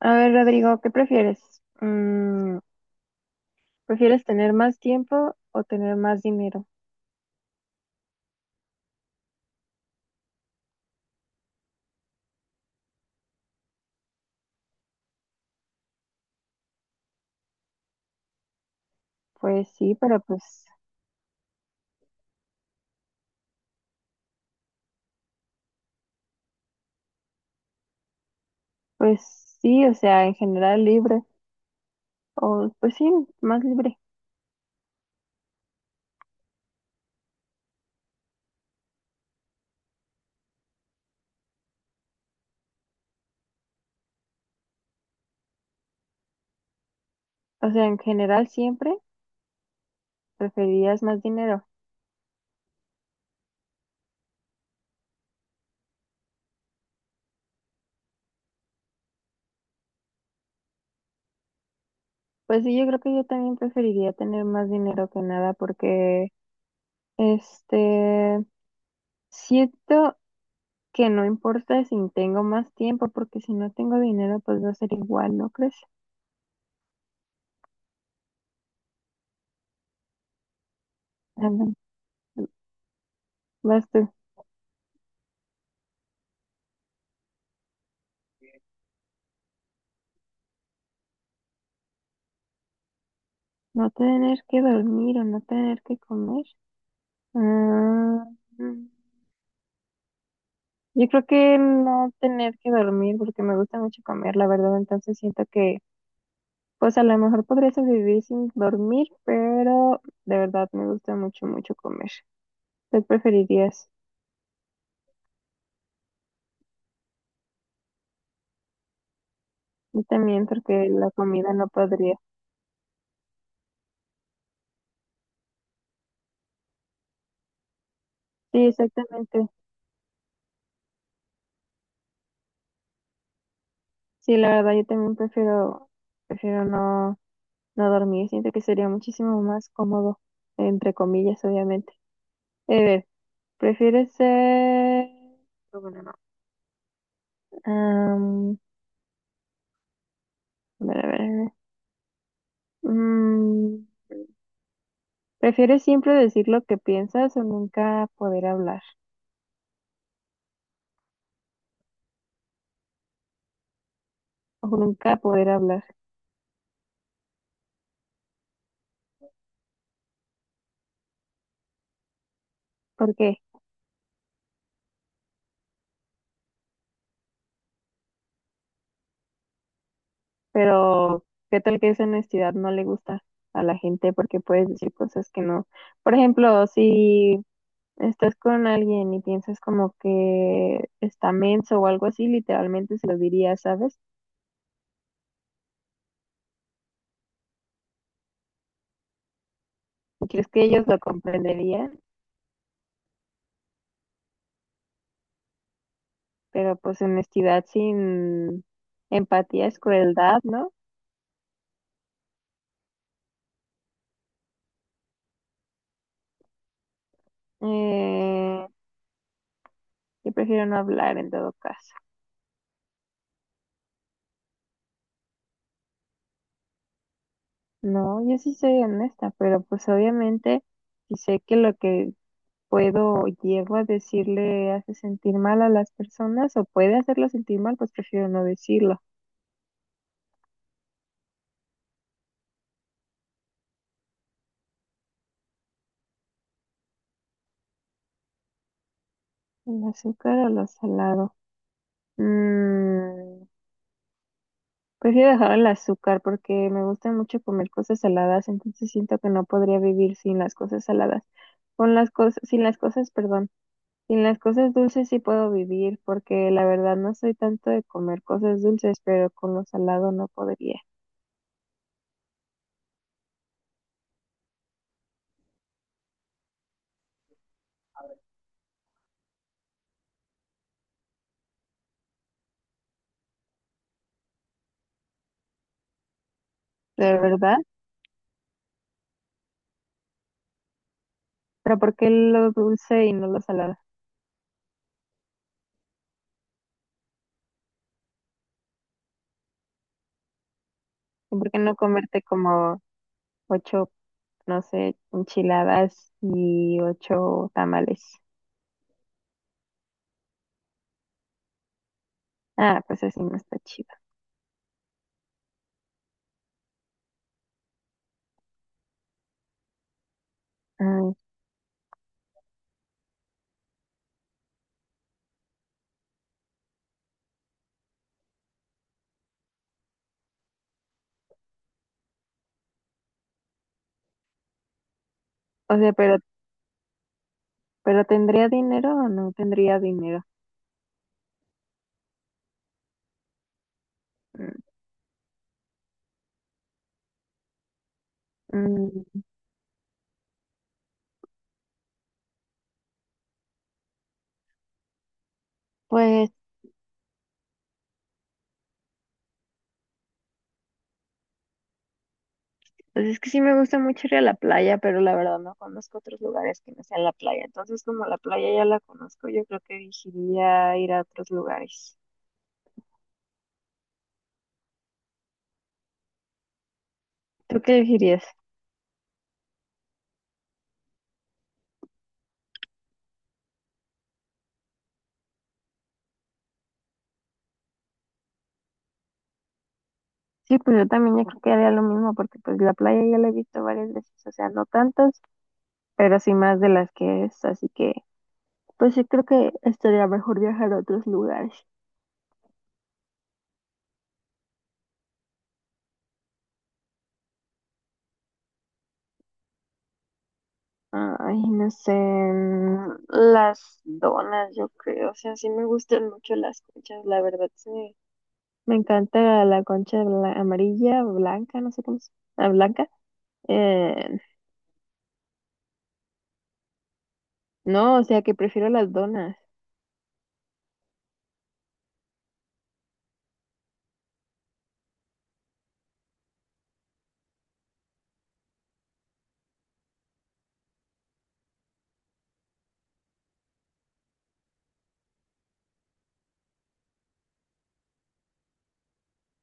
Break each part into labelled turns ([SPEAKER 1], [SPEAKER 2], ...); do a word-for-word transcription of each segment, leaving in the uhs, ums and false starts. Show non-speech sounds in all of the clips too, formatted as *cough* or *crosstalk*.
[SPEAKER 1] A ver, Rodrigo, ¿qué prefieres? Mm, ¿prefieres tener más tiempo o tener más dinero? Pues sí, pero pues, pues sí, o sea, en general libre, o pues sí, más libre. O sea, en general siempre preferirías más dinero. Pues sí, yo creo que yo también preferiría tener más dinero que nada porque, este, siento que no importa si tengo más tiempo, porque si no tengo dinero, pues va a ser igual, ¿no crees? *laughs* Ah, bueno, Vas tú. No tener que dormir o no tener que comer. Ah, mm, yo creo que no tener que dormir porque me gusta mucho comer, la verdad. Entonces siento que, pues a lo mejor podría sobrevivir sin dormir, pero de verdad me gusta mucho, mucho comer. ¿Qué preferirías? Yo también porque la comida no podría. Sí, exactamente. Sí, la verdad, yo también prefiero, prefiero no, no dormir. Siento que sería muchísimo más cómodo, entre comillas, obviamente. A ver, ¿prefieres ser... oh, bueno, no. Am, a ver, a ver, a ver. Mm, ¿prefieres siempre decir lo que piensas o nunca poder hablar? O nunca poder hablar. ¿Por qué? Pero, ¿qué tal que esa honestidad no le gusta a la gente? Porque puedes decir cosas que no. Por ejemplo, si estás con alguien y piensas como que está menso o algo así, literalmente se lo dirías, ¿sabes? ¿Y crees que ellos lo comprenderían? Pero pues honestidad sin empatía es crueldad, ¿no? Eh, yo prefiero no hablar en todo caso. No, yo sí soy honesta, pero pues obviamente si sé que lo que puedo o llego a decirle hace sentir mal a las personas o puede hacerlo sentir mal, pues prefiero no decirlo. El azúcar o lo salado. Mm, Prefiero dejar el azúcar porque me gusta mucho comer cosas saladas, entonces siento que no podría vivir sin las cosas saladas. Con las cosas, sin las cosas, perdón, sin las cosas dulces sí puedo vivir porque la verdad no soy tanto de comer cosas dulces, pero con lo salado no podría. De verdad, pero ¿por qué lo dulce y no lo salado? ¿Y por qué no comerte como ocho, no sé, enchiladas y ocho tamales? Ah, pues así no está chido. Ay, o sea, pero Pero ¿tendría dinero o no tendría dinero? Mm, mm, Pues, pues es que sí me gusta mucho ir a la playa, pero la verdad no conozco otros lugares que no sean la playa. Entonces, como la playa ya la conozco, yo creo que elegiría ir a otros lugares. ¿Tú qué elegirías? Sí, pues yo también yo creo que haría lo mismo, porque pues la playa ya la he visto varias veces, o sea, no tantas, pero sí más de las que es, así que pues sí creo que estaría mejor viajar a otros lugares. Ay, no sé, mm, las donas, yo creo, o sea, sí me gustan mucho las conchas, la verdad, sí. Me encanta la concha bla- amarilla, blanca, no sé cómo se ah, blanca. Eh, no, o sea, que prefiero las donas.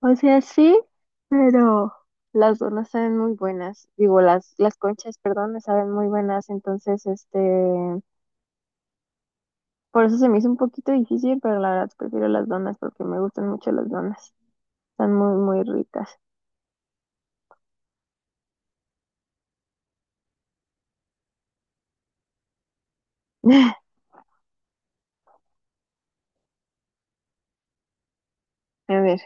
[SPEAKER 1] O sea, sí, pero las donas saben muy buenas. Digo, las, las conchas, perdón, me saben muy buenas, entonces, este, por eso se me hizo un poquito difícil, pero la verdad prefiero las donas porque me gustan mucho las donas. Están muy, muy ricas. *laughs* A ver.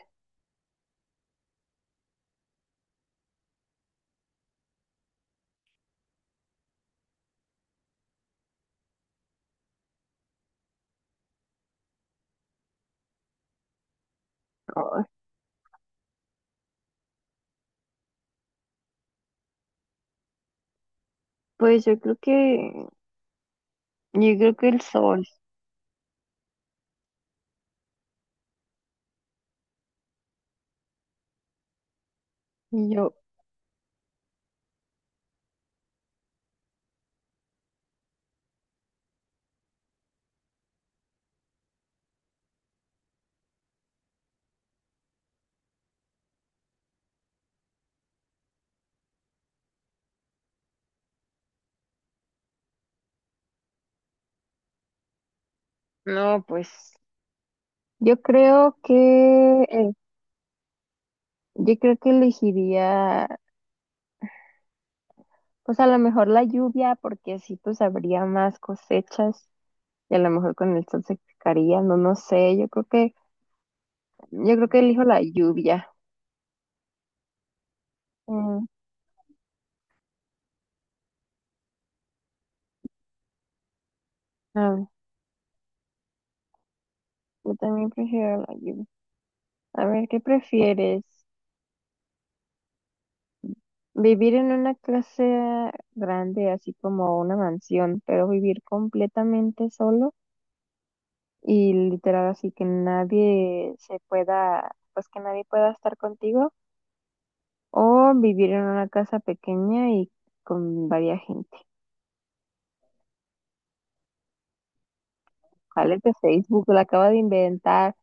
[SPEAKER 1] Ay, pues yo creo que, yo creo que el sol. Y yo, no, pues, yo creo que, eh, yo creo que elegiría, pues a lo mejor la lluvia, porque así pues habría más cosechas y a lo mejor con el sol se secaría, no, no sé, yo creo que, yo creo que elijo la lluvia. Mm, a ver, yo también prefiero la lluvia. A ver, ¿qué prefieres? Vivir en una clase grande, así como una mansión, pero vivir completamente solo y literal así que nadie se pueda, pues que nadie pueda estar contigo o vivir en una casa pequeña y con varia gente. Vale, que Facebook lo acaba de inventar.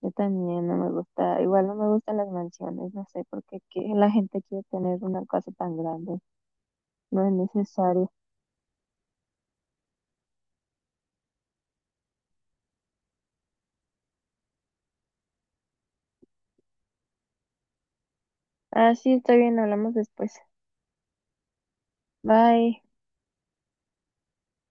[SPEAKER 1] Yo también no me gusta, igual no me gustan las mansiones, no sé por qué que la gente quiere tener una casa tan grande, no es necesario. Ah, sí, está bien, hablamos después. Bye.